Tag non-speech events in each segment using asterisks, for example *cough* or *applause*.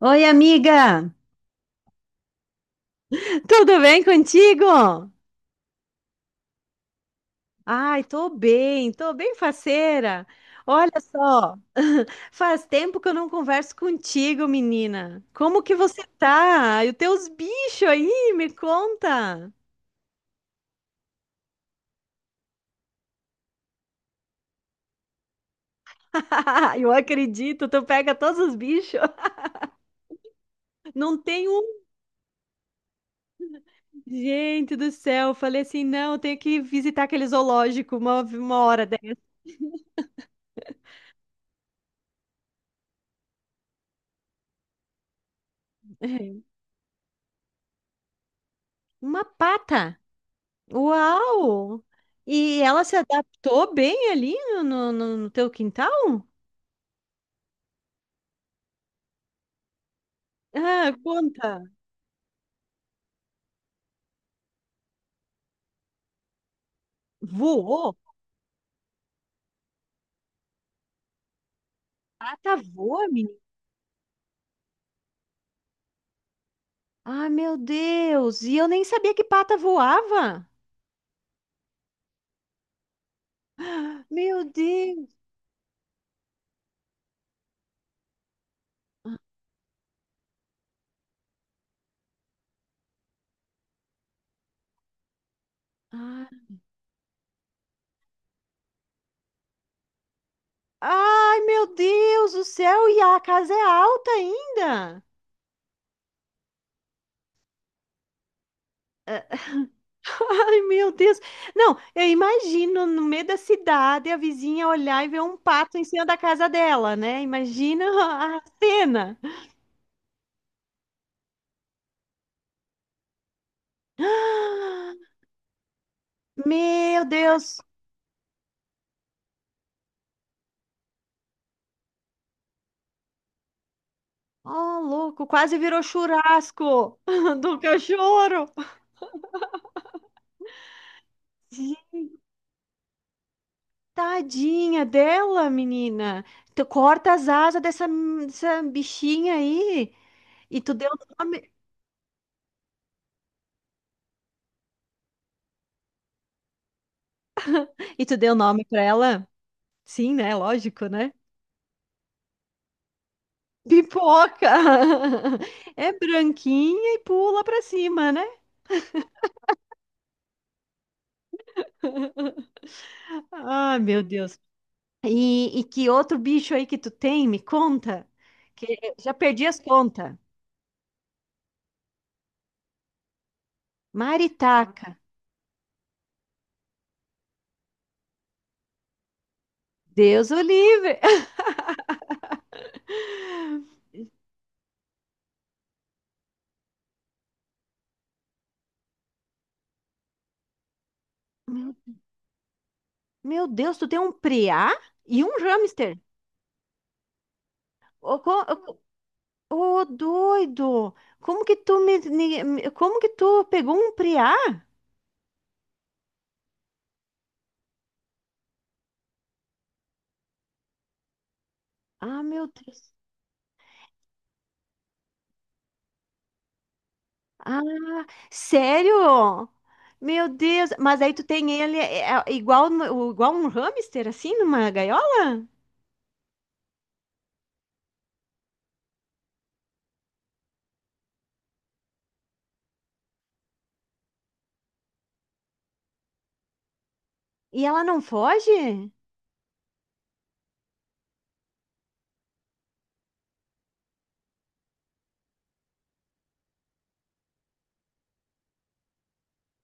Oi, amiga! Tudo bem contigo? Ai, tô bem faceira. Olha só, faz tempo que eu não converso contigo, menina. Como que você tá? E os teus bichos aí, me conta. *laughs* Eu acredito, tu pega todos os bichos. Não tem um. Gente do céu, eu falei assim, não, eu tenho que visitar aquele zoológico uma hora dessa. *laughs* Uma pata? Uau! E ela se adaptou bem ali no teu quintal? Ah, conta. Voou? Pata voa, menina? Ah, meu Deus! E eu nem sabia que pata voava. Meu Deus! Ah. Ai, meu Deus do céu! E a casa é alta ainda? Ai, meu Deus! Não, eu imagino no meio da cidade a vizinha olhar e ver um pato em cima da casa dela, né? Imagina a cena. *gasps* Meu Deus! Oh, louco, quase virou churrasco *laughs* do cachorro. Gente, tadinha dela, menina. Tu corta as asas dessa bichinha aí. E tu deu nome. E tu deu nome pra ela? Sim, né? Lógico, né? Pipoca! *laughs* É branquinha e pula pra cima, né? Ah, meu Deus. E que outro bicho aí que tu tem? Me conta. Que eu já perdi as contas. Maritaca. Deus o livre. *laughs* Meu, meu Deus, tu tem um preá e um hamster. Ô, co- ô, ô, doido. Como que tu me, ni- me- como que tu pegou um preá? Ah, meu Deus. Ah, sério? Meu Deus, mas aí tu tem ele é igual igual um hamster assim numa gaiola? E ela não foge?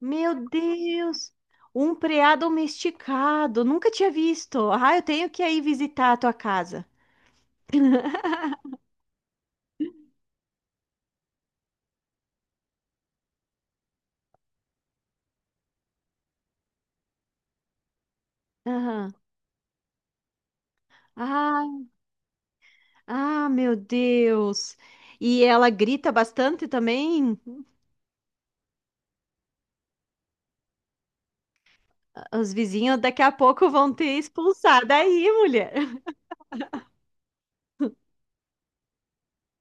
Meu Deus! Um preá domesticado, nunca tinha visto. Ah, eu tenho que ir visitar a tua casa. Aham. Ah, ah, meu Deus. E ela grita bastante também. Os vizinhos daqui a pouco vão te expulsar daí, mulher.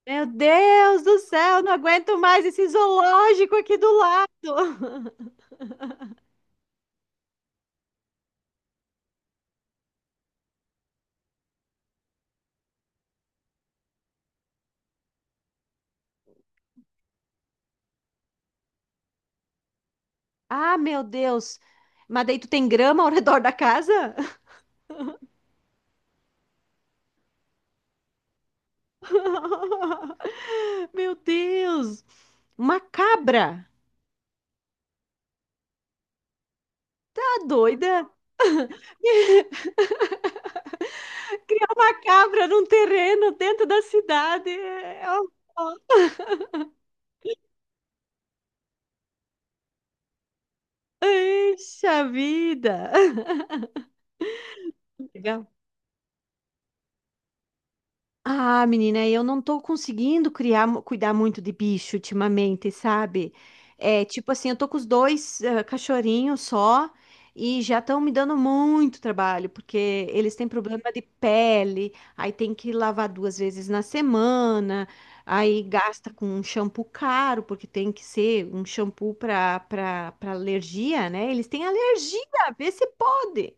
Meu Deus do céu, não aguento mais esse zoológico aqui do lado. Ah, meu Deus. Mas daí tu tem grama ao redor da casa? *laughs* Meu Deus. Uma cabra. Tá doida? Criar uma cabra num terreno dentro da cidade. É uma. Ixi, a vida! Legal. Ah, menina, eu não tô conseguindo criar, cuidar muito de bicho ultimamente, sabe? É, tipo assim, eu tô com os dois cachorrinhos só e já estão me dando muito trabalho, porque eles têm problema de pele, aí tem que lavar duas vezes na semana, aí gasta com um shampoo caro, porque tem que ser um shampoo para alergia, né? Eles têm alergia, vê se pode.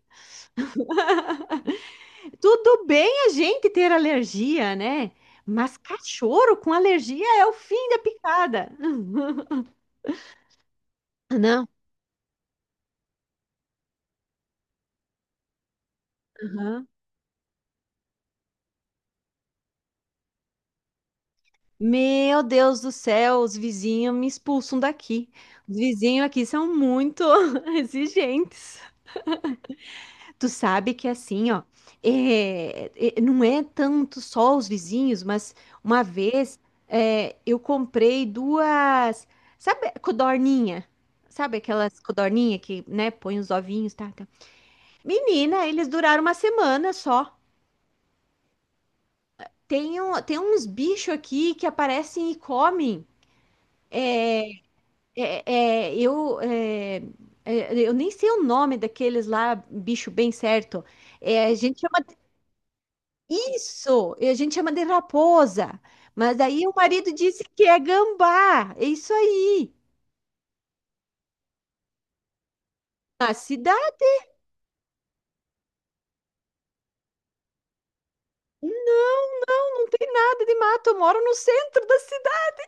Tudo bem a gente ter alergia, né? Mas cachorro com alergia é o fim da picada. *laughs* Não. Aham. Meu Deus do céu, os vizinhos me expulsam daqui. Os vizinhos aqui são muito *laughs* exigentes. Tu sabe que assim, ó, não é tanto só os vizinhos, mas uma vez é, eu comprei duas, sabe, codorninha? Sabe aquelas codorninha que, né, põe os ovinhos, tá? Menina, eles duraram uma semana só. Tem uns bichos aqui que aparecem e comem. É, é, eu, é, eu nem sei o nome daqueles lá, bicho bem certo. É, a gente chama isso, a gente chama de raposa. Mas aí o marido disse que é gambá. É isso aí. Na cidade? Não tem nada de mato. Eu moro no centro da cidade.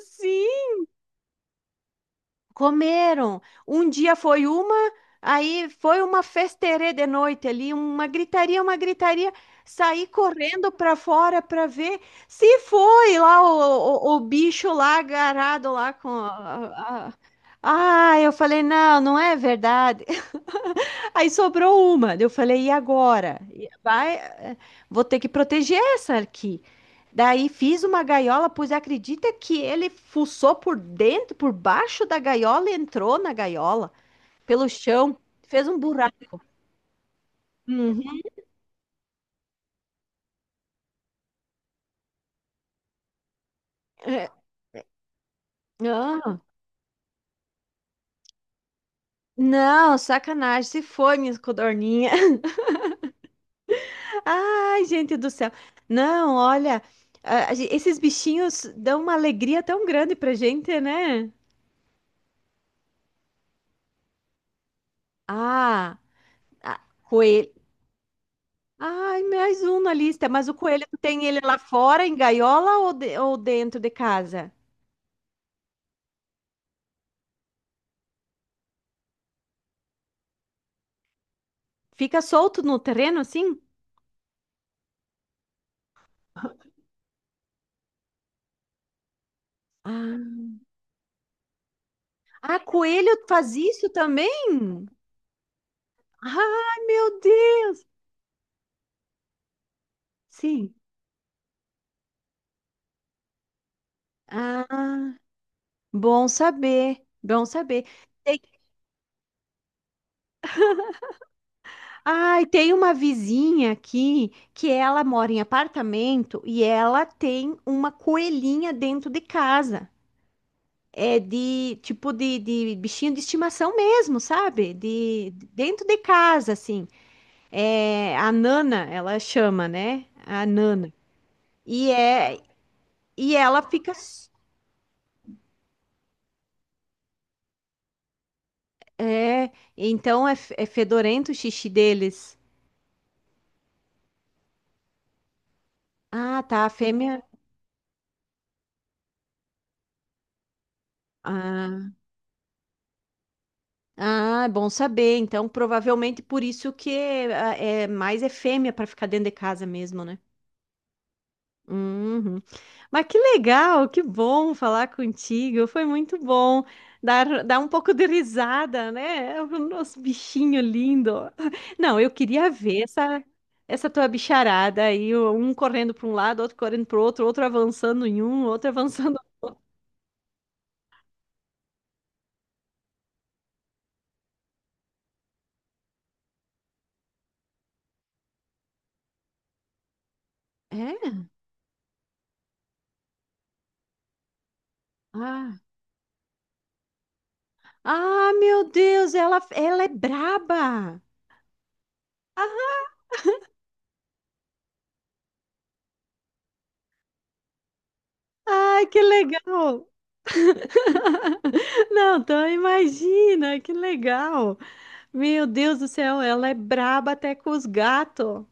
Sim. Comeram. Um dia foi uma, aí foi uma festerê de noite ali, uma gritaria, uma gritaria. Saí correndo para fora para ver se foi lá o bicho lá agarrado lá com a- a- ah, eu falei, não, não é verdade. Aí sobrou uma. Daí eu falei, e agora? E vai, vou ter que proteger essa aqui. Daí fiz uma gaiola, pois acredita que ele fuçou por dentro, por baixo da gaiola e entrou na gaiola, pelo chão, fez um buraco. Uhum. É, ah, não, sacanagem, se foi, minha codorninha. *laughs* Ai, gente do céu. Não, olha, esses bichinhos dão uma alegria tão grande pra gente, né? Ah, a- coelho. Ai, mais um na lista. Mas o coelho, tu tem ele lá fora, em gaiola ou, ou dentro de casa? Fica solto no terreno assim? Ah, ah, coelho faz isso também? Ai, meu Deus! Sim. Ah, bom saber, bom saber. Tem, ai, tem uma vizinha aqui que ela mora em apartamento e ela tem uma coelhinha dentro de casa. É de tipo de bichinho de estimação mesmo, sabe? Dentro de casa, assim. É, a Nana, ela chama, né? A Nana. E é e ela fica s- é, então é, f- é fedorento o xixi deles. Ah, tá, a fêmea. Ah, ah, é bom saber. Então, provavelmente por isso que ah, é mais é fêmea para ficar dentro de casa mesmo, né? Uhum. Mas que legal, que bom falar contigo. Foi muito bom dar um pouco de risada, né? É o nosso bichinho lindo. *laughs* Não, eu queria ver essa tua bicharada aí, um correndo para um lado, outro correndo para o outro, outro avançando em um, outro *laughs* avançando. É? Ah, ah, meu Deus, ela é braba. Ah, ai, que legal. Não, então imagina, que legal. Meu Deus do céu, ela é braba até com os gatos.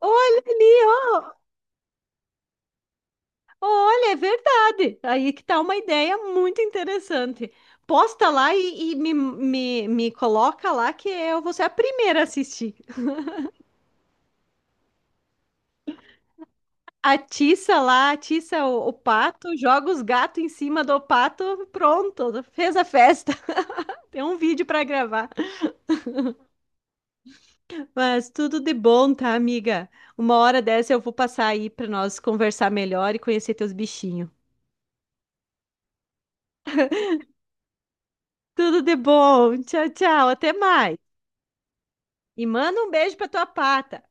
Olha ali, ó. Olha, é verdade. Aí que tá uma ideia muito interessante. Posta lá e, me coloca lá que eu vou ser a primeira a assistir. Atiça lá, atiça o pato, joga os gatos em cima do pato, pronto, fez a festa. *laughs* Tem um vídeo para gravar. Mas tudo de bom, tá, amiga? Uma hora dessa eu vou passar aí para nós conversar melhor e conhecer teus bichinhos. Tudo de bom. Tchau, tchau. Até mais. E manda um beijo pra tua pata.